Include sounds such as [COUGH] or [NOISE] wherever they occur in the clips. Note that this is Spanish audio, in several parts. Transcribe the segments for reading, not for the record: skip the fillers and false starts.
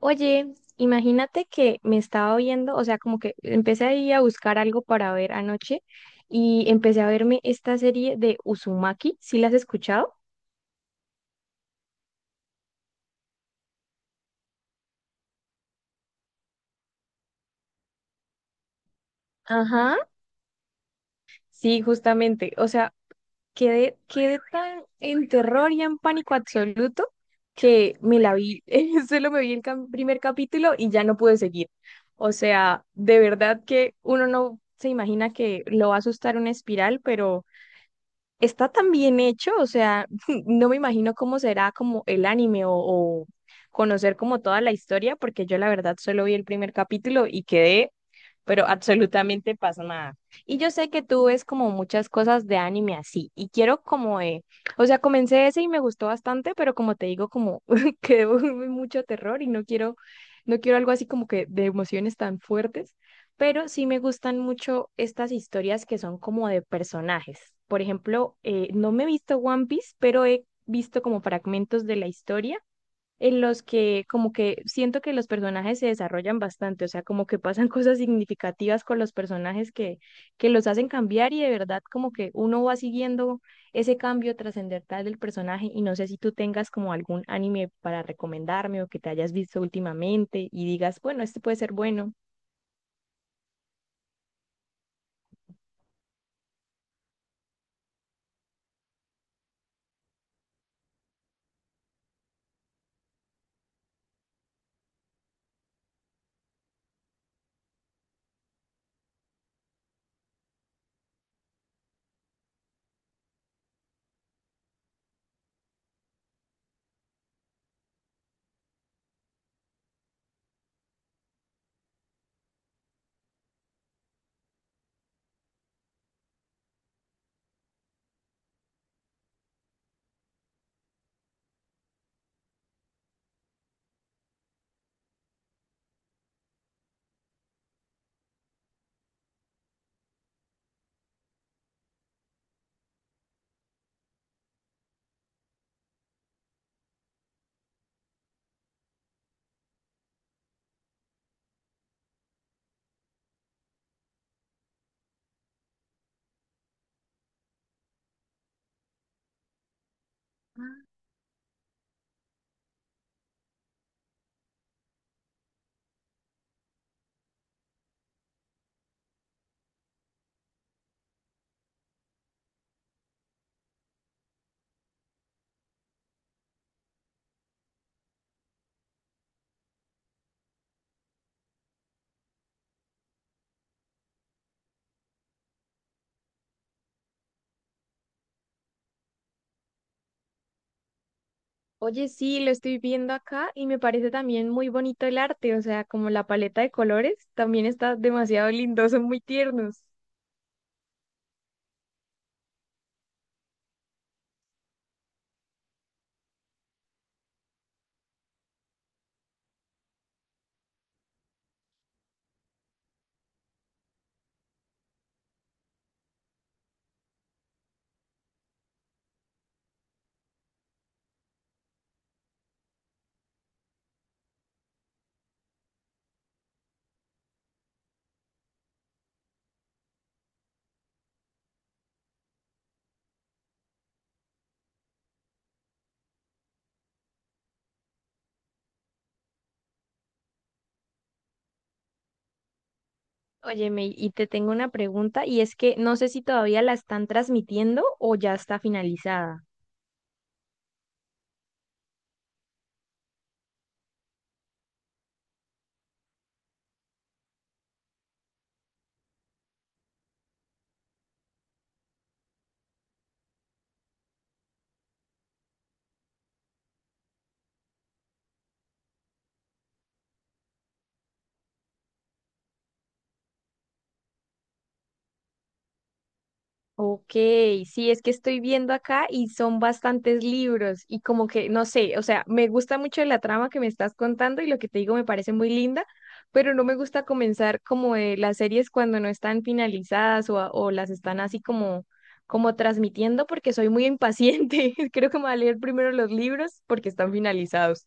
Oye, imagínate que me estaba viendo, o sea, como que empecé ahí a buscar algo para ver anoche y empecé a verme esta serie de Uzumaki, ¿sí la has escuchado? Ajá, sí, justamente. O sea, quedé tan en terror y en pánico absoluto que me la vi, [LAUGHS] solo me vi el primer capítulo y ya no pude seguir. O sea, de verdad que uno no se imagina que lo va a asustar una espiral, pero está tan bien hecho, o sea, [LAUGHS] no me imagino cómo será como el anime o conocer como toda la historia, porque yo la verdad solo vi el primer capítulo y quedé pero absolutamente pasa nada. Y yo sé que tú ves como muchas cosas de anime así, y quiero como, o sea, comencé ese y me gustó bastante, pero como te digo, como [LAUGHS] que debo mucho terror y no quiero, no quiero algo así como que de emociones tan fuertes, pero sí me gustan mucho estas historias que son como de personajes. Por ejemplo, no me he visto One Piece, pero he visto como fragmentos de la historia en los que como que siento que los personajes se desarrollan bastante, o sea, como que pasan [LAUGHS] cosas significativas con los personajes que los hacen cambiar y de verdad como que uno va siguiendo ese cambio trascendental del personaje y no sé si tú tengas como algún anime para recomendarme o que te hayas visto últimamente y digas, bueno, este puede ser bueno. Oye, sí, lo estoy viendo acá y me parece también muy bonito el arte, o sea, como la paleta de colores también está demasiado lindo, son muy tiernos. Óyeme, y te tengo una pregunta, y es que no sé si todavía la están transmitiendo o ya está finalizada. Ok, sí, es que estoy viendo acá y son bastantes libros y como que, no sé, o sea, me gusta mucho la trama que me estás contando y lo que te digo me parece muy linda, pero no me gusta comenzar como las series cuando no están finalizadas o, o las están así como, como transmitiendo porque soy muy impaciente. [LAUGHS] Creo que me voy a leer primero los libros porque están finalizados.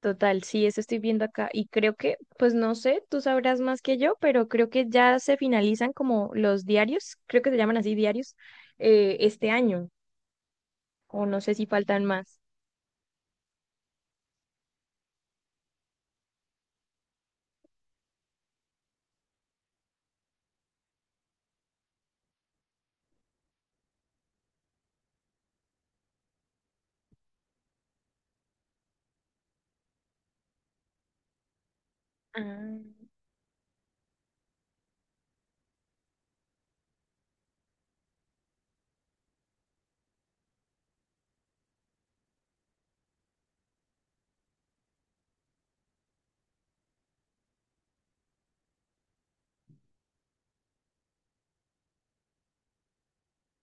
Total, sí, eso estoy viendo acá. Y creo que, pues no sé, tú sabrás más que yo, pero creo que ya se finalizan como los diarios, creo que se llaman así diarios, este año, o no sé si faltan más.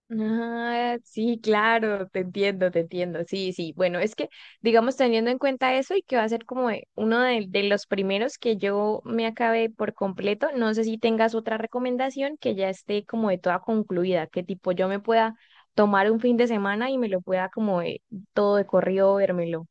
Ah, sí, claro, te entiendo, te entiendo. Sí, sí. Bueno, es que, digamos, teniendo en cuenta eso y que va a ser como uno de los primeros que yo me acabe por completo, no sé si tengas otra recomendación que ya esté como de toda concluida, que tipo yo me pueda tomar un fin de semana y me lo pueda como de todo de corrido, vérmelo.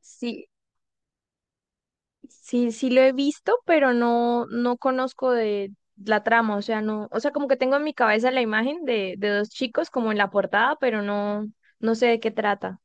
Sí, sí, sí lo he visto, pero no, no conozco de la trama, o sea, no, o sea, como que tengo en mi cabeza la imagen de dos chicos como en la portada, pero no, no sé de qué trata.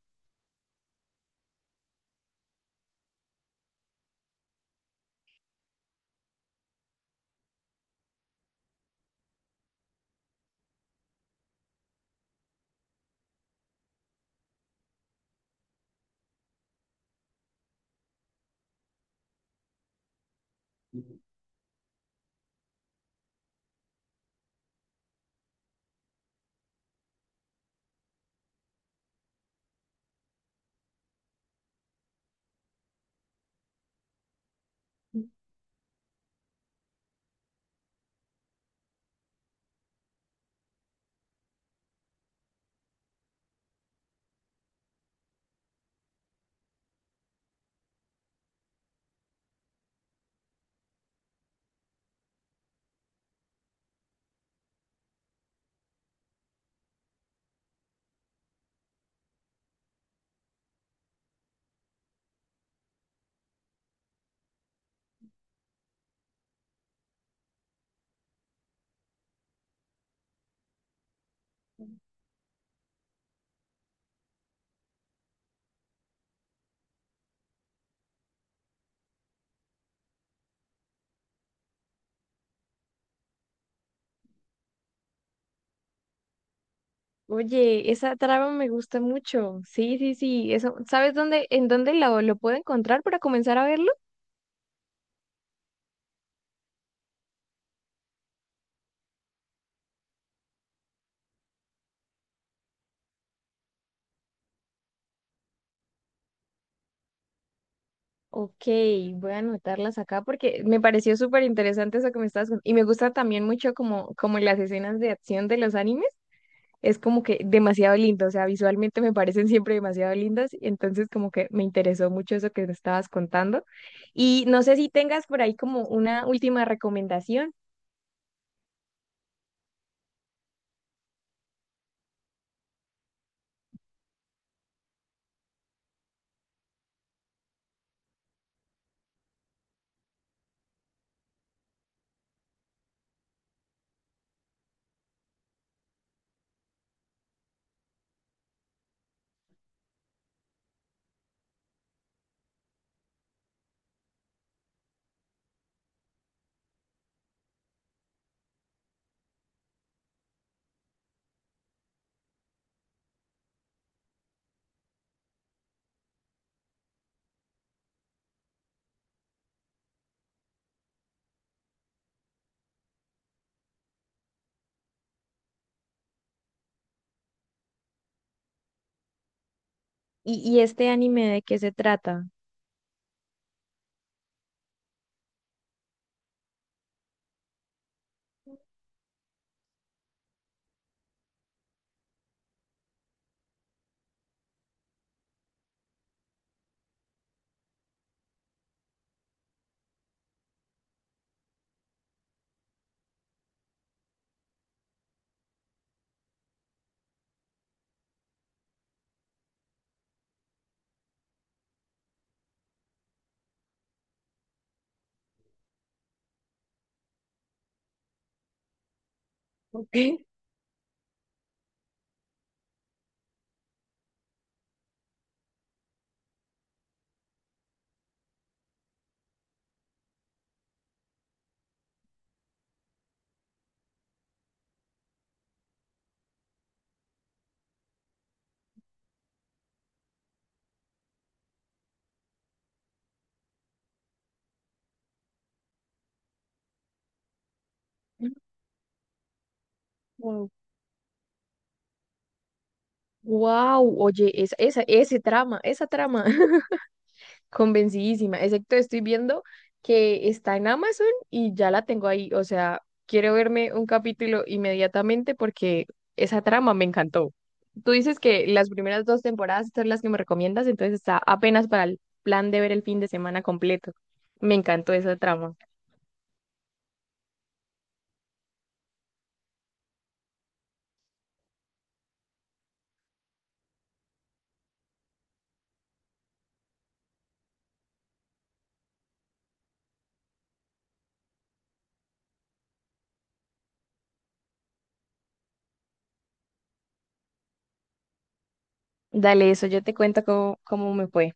Oye, esa trama me gusta mucho. Sí, sí, sí. Eso, ¿sabes dónde, en dónde lo puedo encontrar para comenzar a verlo? Ok, voy a anotarlas acá porque me pareció súper interesante eso que me estabas contando. Y me gusta también mucho como, como las escenas de acción de los animes. Es como que demasiado lindo, o sea, visualmente me parecen siempre demasiado lindas, y entonces como que me interesó mucho eso que me estabas contando. Y no sé si tengas por ahí como una última recomendación. Y este anime de qué se trata? [LAUGHS] Wow, oye, esa, ese trama, esa trama. [LAUGHS] Convencidísima, excepto estoy viendo que está en Amazon y ya la tengo ahí, o sea, quiero verme un capítulo inmediatamente porque esa trama me encantó. Tú dices que las primeras dos temporadas son las que me recomiendas, entonces está apenas para el plan de ver el fin de semana completo. Me encantó esa trama. Dale eso, yo te cuento cómo, cómo me fue.